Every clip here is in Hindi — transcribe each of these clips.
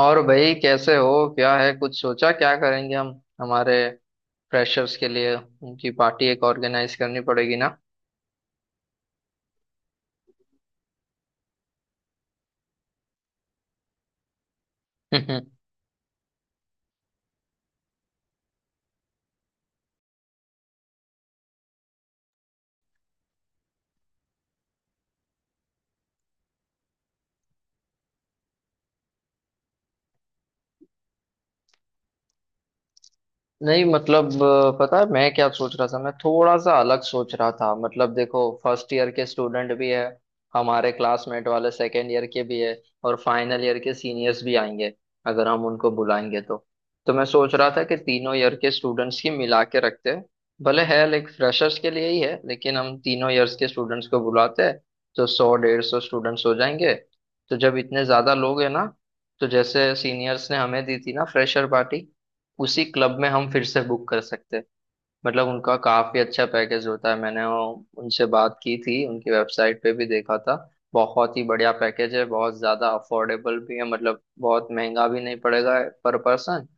और भाई कैसे हो? क्या है, कुछ सोचा क्या करेंगे हम हमारे फ्रेशर्स के लिए? उनकी पार्टी एक ऑर्गेनाइज करनी पड़ेगी ना। नहीं मतलब पता है मैं क्या सोच रहा था। मैं थोड़ा सा अलग सोच रहा था। मतलब देखो, फर्स्ट ईयर के स्टूडेंट भी है हमारे क्लासमेट वाले, सेकेंड ईयर के भी है, और फाइनल ईयर के सीनियर्स भी आएंगे अगर हम उनको बुलाएंगे तो। तो मैं सोच रहा था कि तीनों ईयर के स्टूडेंट्स की मिला के रखते हैं। भले है लाइक फ्रेशर्स के लिए ही है, लेकिन हम तीनों ईयर्स के स्टूडेंट्स को बुलाते हैं तो 100-150 स्टूडेंट्स हो जाएंगे। तो जब इतने ज्यादा लोग हैं ना, तो जैसे सीनियर्स ने हमें दी थी ना फ्रेशर पार्टी, उसी क्लब में हम फिर से बुक कर सकते हैं। मतलब उनका काफी अच्छा पैकेज होता है। मैंने उनसे बात की थी, उनकी वेबसाइट पे भी देखा था। बहुत ही बढ़िया पैकेज है, बहुत ज्यादा अफोर्डेबल भी है। मतलब बहुत महंगा भी नहीं पड़ेगा पर पर्सन।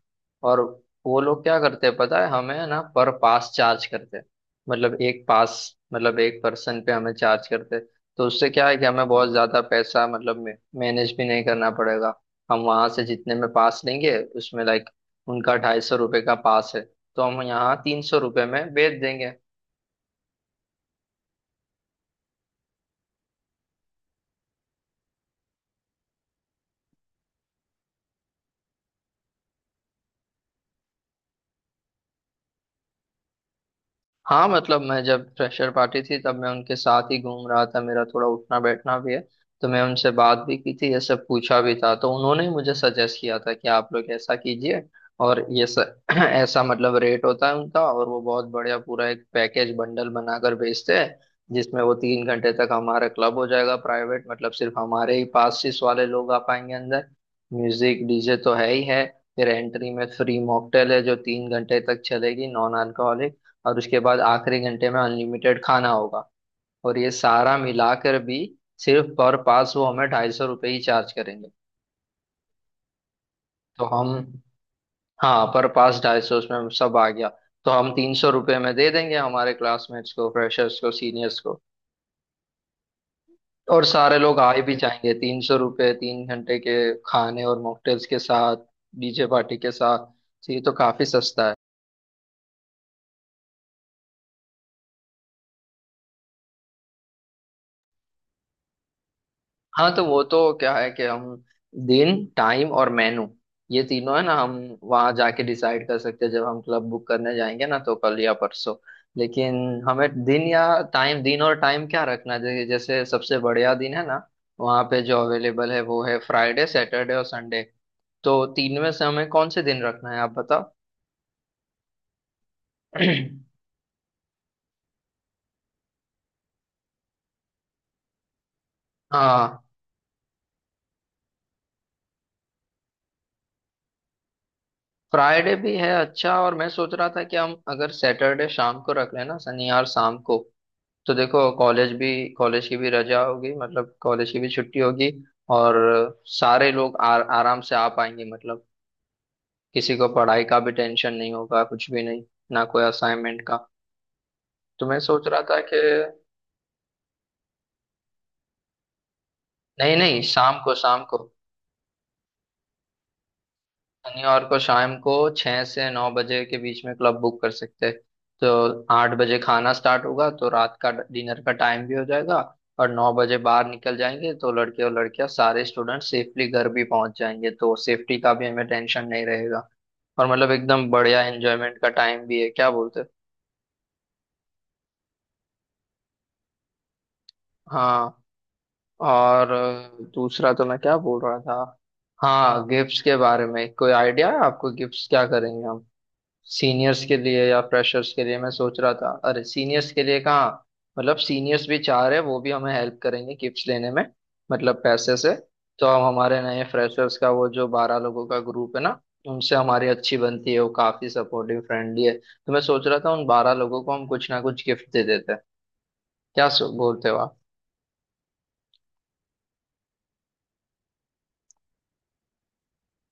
और वो लोग क्या करते हैं पता है हमें? ना पर पास चार्ज करते हैं, मतलब एक पास, मतलब एक पर्सन पे हमें चार्ज करते हैं। तो उससे क्या है कि हमें बहुत ज्यादा पैसा मतलब मैनेज भी नहीं करना पड़ेगा। हम वहां से जितने में पास लेंगे उसमें लाइक उनका 250 रुपये का पास है, तो हम यहाँ 300 रुपये में बेच देंगे। हाँ मतलब मैं जब फ्रेशर पार्टी थी तब मैं उनके साथ ही घूम रहा था, मेरा थोड़ा उठना बैठना भी है। तो मैं उनसे बात भी की थी, ये सब पूछा भी था, तो उन्होंने ही मुझे सजेस्ट किया था कि आप लोग ऐसा कीजिए। और ऐसा मतलब रेट होता है उनका, और वो बहुत बढ़िया पूरा एक पैकेज बंडल बनाकर बेचते हैं, जिसमें वो 3 घंटे तक हमारा क्लब हो जाएगा प्राइवेट। मतलब सिर्फ हमारे ही पासिस वाले लोग आ पाएंगे अंदर। म्यूजिक डीजे तो है ही है। फिर एंट्री में फ्री मॉकटेल है जो 3 घंटे तक चलेगी, नॉन अल्कोहलिक। और उसके बाद आखिरी घंटे में अनलिमिटेड खाना होगा। और ये सारा मिलाकर भी सिर्फ पर पास वो हमें 250 रुपये ही चार्ज करेंगे। तो हम, हाँ पर पास 250, उसमें सब आ गया। तो हम 300 रुपये में दे देंगे हमारे क्लासमेट्स को, फ्रेशर्स को, सीनियर्स को। और सारे लोग आए भी जाएंगे। 300 रुपये, 3 घंटे के, खाने और मॉकटेल्स के साथ, डीजे पार्टी के साथ। तो ये तो काफी सस्ता है। हाँ, तो वो तो क्या है कि हम दिन, टाइम और मेनू, ये तीनों है ना, हम वहां जाके डिसाइड कर सकते हैं जब हम क्लब बुक करने जाएंगे ना, तो कल या परसों। लेकिन हमें दिन या टाइम, दिन और टाइम क्या रखना चाहिए। जैसे सबसे बढ़िया दिन है ना, वहाँ पे जो अवेलेबल है वो है फ्राइडे, सैटरडे और संडे। तो तीन में से हमें कौन से दिन रखना है, आप बताओ। हाँ, फ्राइडे भी है अच्छा, और मैं सोच रहा था कि हम अगर सैटरडे शाम को रख लें ना, शनिवार शाम को। तो देखो, कॉलेज भी, कॉलेज की भी रजा होगी, मतलब कॉलेज की भी छुट्टी होगी। और सारे लोग आराम से आ पाएंगे। मतलब किसी को पढ़ाई का भी टेंशन नहीं होगा, कुछ भी नहीं, ना कोई असाइनमेंट का। तो मैं सोच रहा था कि नहीं नहीं, शाम को, शाम को, शनिवार को शाम को 6 से 9 बजे के बीच में क्लब बुक कर सकते हैं। तो 8 बजे खाना स्टार्ट होगा तो रात का डिनर का टाइम भी हो जाएगा, और 9 बजे बाहर निकल जाएंगे तो लड़के और लड़कियां सारे स्टूडेंट सेफली घर भी पहुंच जाएंगे, तो सेफ्टी का भी हमें टेंशन नहीं रहेगा। और मतलब एकदम बढ़िया एंजॉयमेंट का टाइम भी है, क्या बोलते हो? हाँ। और दूसरा तो मैं क्या बोल रहा था, हाँ, गिफ्ट्स के बारे में कोई आइडिया है आपको? गिफ्ट्स क्या करेंगे हम, सीनियर्स के लिए या फ्रेशर्स के लिए? मैं सोच रहा था अरे सीनियर्स के लिए कहाँ, मतलब सीनियर्स भी चाह रहे हैं, वो भी हमें हेल्प करेंगे गिफ्ट्स लेने में, मतलब पैसे से। तो हम हमारे नए फ्रेशर्स का वो जो 12 लोगों का ग्रुप है ना, उनसे हमारी अच्छी बनती है, वो काफी सपोर्टिव फ्रेंडली है, तो मैं सोच रहा था उन 12 लोगों को हम कुछ ना कुछ गिफ्ट दे देते हैं। क्या सो बोलते हो आप?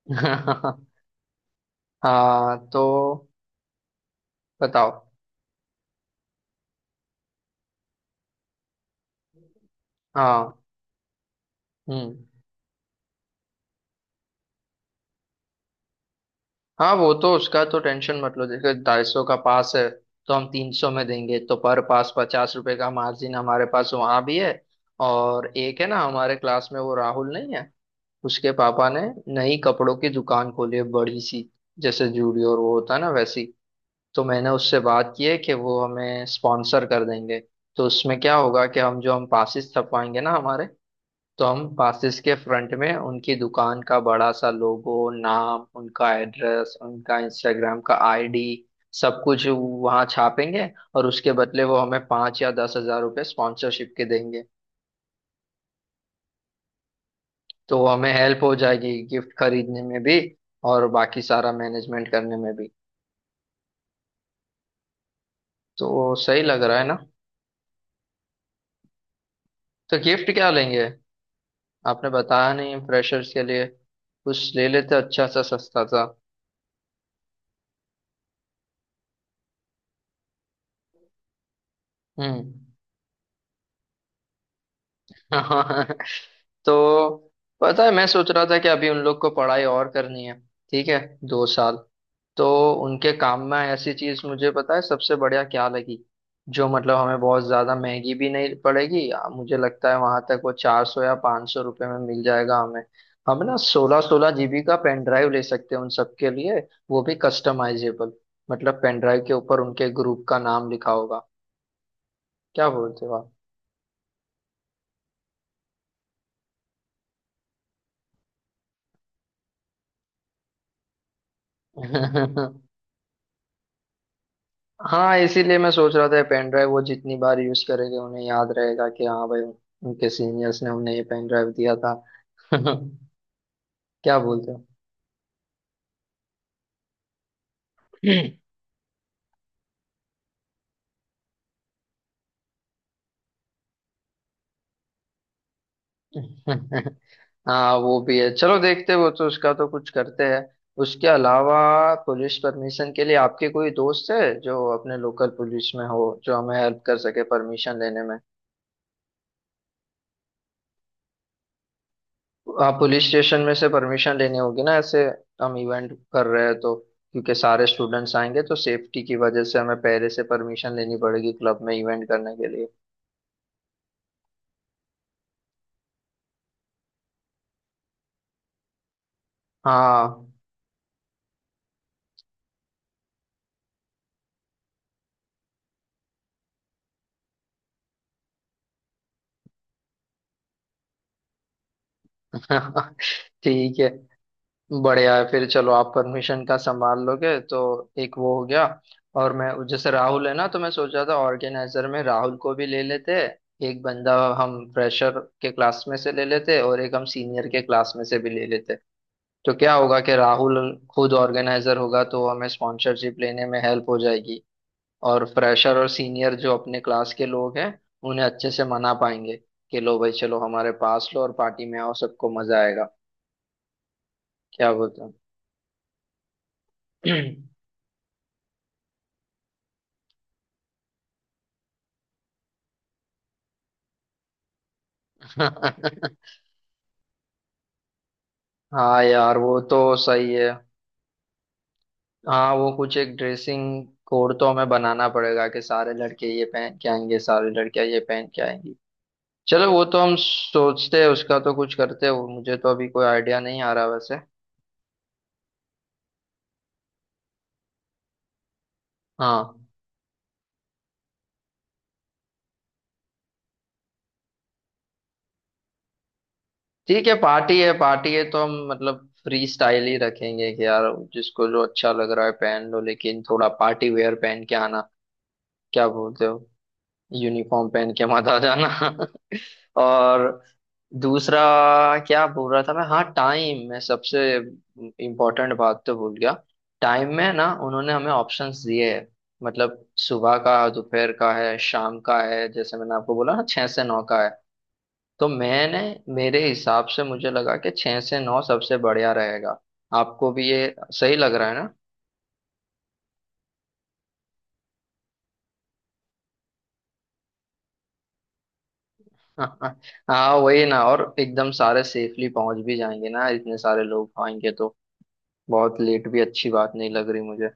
हाँ, तो बताओ। हाँ, हम्म, हाँ वो तो उसका तो टेंशन मत लो। देखो 250 का पास है, तो हम तीन सौ में देंगे, तो पर पास 50 रुपए का मार्जिन हमारे पास वहां भी है। और एक है ना हमारे क्लास में वो राहुल नहीं है, उसके पापा ने नई कपड़ों की दुकान खोली है बड़ी सी, जैसे जूडियो और वो होता है ना वैसी। तो मैंने उससे बात की है कि वो हमें स्पॉन्सर कर देंगे। तो उसमें क्या होगा कि हम जो हम पासिस छपवाएंगे ना हमारे, तो हम पासिस के फ्रंट में उनकी दुकान का बड़ा सा लोगो, नाम उनका, एड्रेस उनका, इंस्टाग्राम का आईडी, सब कुछ वहाँ छापेंगे। और उसके बदले वो हमें 5,000 या 10,000 रुपये स्पॉन्सरशिप के देंगे। तो वो हमें हेल्प हो जाएगी गिफ्ट खरीदने में भी, और बाकी सारा मैनेजमेंट करने में भी। तो सही लग रहा है ना? तो गिफ्ट क्या लेंगे आपने बताया नहीं फ्रेशर्स के लिए? कुछ ले लेते अच्छा सा, सस्ता सा। हम्म। हाँ, तो पता है मैं सोच रहा था कि अभी उन लोग को पढ़ाई और करनी है, ठीक है, 2 साल। तो उनके काम में ऐसी चीज, मुझे पता है सबसे बढ़िया क्या लगी, जो मतलब हमें बहुत ज्यादा महंगी भी नहीं पड़ेगी, मुझे लगता है वहां तक वो 400 या 500 रुपये में मिल जाएगा हमें। हम ना 16-16 जीबी का पेन ड्राइव ले सकते हैं उन सबके लिए, वो भी कस्टमाइजेबल, मतलब पेन ड्राइव के ऊपर उनके ग्रुप का नाम लिखा होगा। क्या बोलते हो आप? हाँ, इसीलिए मैं सोच रहा था पेन ड्राइव वो जितनी बार यूज करेंगे उन्हें याद रहेगा कि हाँ भाई, उनके सीनियर्स ने उन्हें ये पेन ड्राइव दिया था। क्या बोलते हो? हाँ वो भी है, चलो देखते हैं, वो तो उसका तो कुछ करते हैं। उसके अलावा पुलिस परमिशन के लिए आपके कोई दोस्त है जो अपने लोकल पुलिस में हो, जो हमें हेल्प कर सके परमिशन लेने में? आप पुलिस स्टेशन में से परमिशन लेनी होगी ना ऐसे, हम इवेंट कर रहे हैं तो, क्योंकि सारे स्टूडेंट्स आएंगे तो सेफ्टी की वजह से हमें पहले से परमिशन लेनी पड़ेगी क्लब में इवेंट करने के लिए। हाँ। ठीक है, बढ़िया है फिर। चलो आप परमिशन का संभाल लोगे तो एक वो हो गया। और मैं जैसे राहुल है ना, तो मैं सोचा था ऑर्गेनाइजर में राहुल को भी ले लेते। एक बंदा हम फ्रेशर के क्लास में से ले लेते, और एक हम सीनियर के क्लास में से भी ले लेते। तो क्या होगा कि राहुल खुद ऑर्गेनाइजर होगा तो हमें स्पॉन्सरशिप लेने में हेल्प हो जाएगी, और फ्रेशर और सीनियर जो अपने क्लास के लोग हैं उन्हें अच्छे से मना पाएंगे कि लो भाई चलो हमारे पास लो और पार्टी में आओ, सबको मजा आएगा। क्या बोलते हैं? हाँ यार वो तो सही है। हाँ वो कुछ एक ड्रेसिंग कोड तो हमें बनाना पड़ेगा कि सारे लड़के ये पहन के आएंगे, सारे लड़कियां ये पहन के आएंगी। चलो, वो तो हम सोचते हैं, उसका तो कुछ करते हैं। वो मुझे तो अभी कोई आइडिया नहीं आ रहा वैसे। हाँ ठीक है पार्टी है, पार्टी है तो हम मतलब फ्री स्टाइल ही रखेंगे कि यार जिसको जो अच्छा लग रहा है पहन लो, लेकिन थोड़ा पार्टी वेयर पहन के आना। क्या बोलते हो? यूनिफॉर्म पहन के मत आ जाना। और दूसरा क्या बोल रहा था मैं, हाँ टाइम। मैं सबसे इम्पोर्टेंट बात तो भूल गया। टाइम में ना उन्होंने हमें ऑप्शंस दिए हैं, मतलब सुबह का, दोपहर का है, शाम का है। जैसे मैंने आपको बोला ना 6 से 9 का है, तो मैंने, मेरे हिसाब से मुझे लगा कि 6 से 9 सबसे बढ़िया रहेगा। आपको भी ये सही लग रहा है ना? हाँ वही ना, और एकदम सारे सेफली पहुंच भी जाएंगे ना, इतने सारे लोग आएंगे तो बहुत लेट भी अच्छी बात नहीं लग रही मुझे।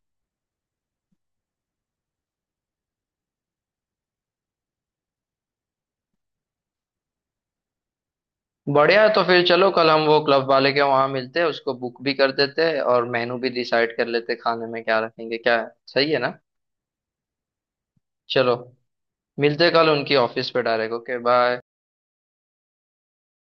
बढ़िया है, तो फिर चलो कल हम वो क्लब वाले के वहां मिलते हैं, उसको बुक भी कर देते हैं और मेनू भी डिसाइड कर लेते हैं, खाने में क्या रखेंगे क्या है। सही है ना? चलो मिलते हैं कल उनकी ऑफिस पे डायरेक्ट। Okay bye.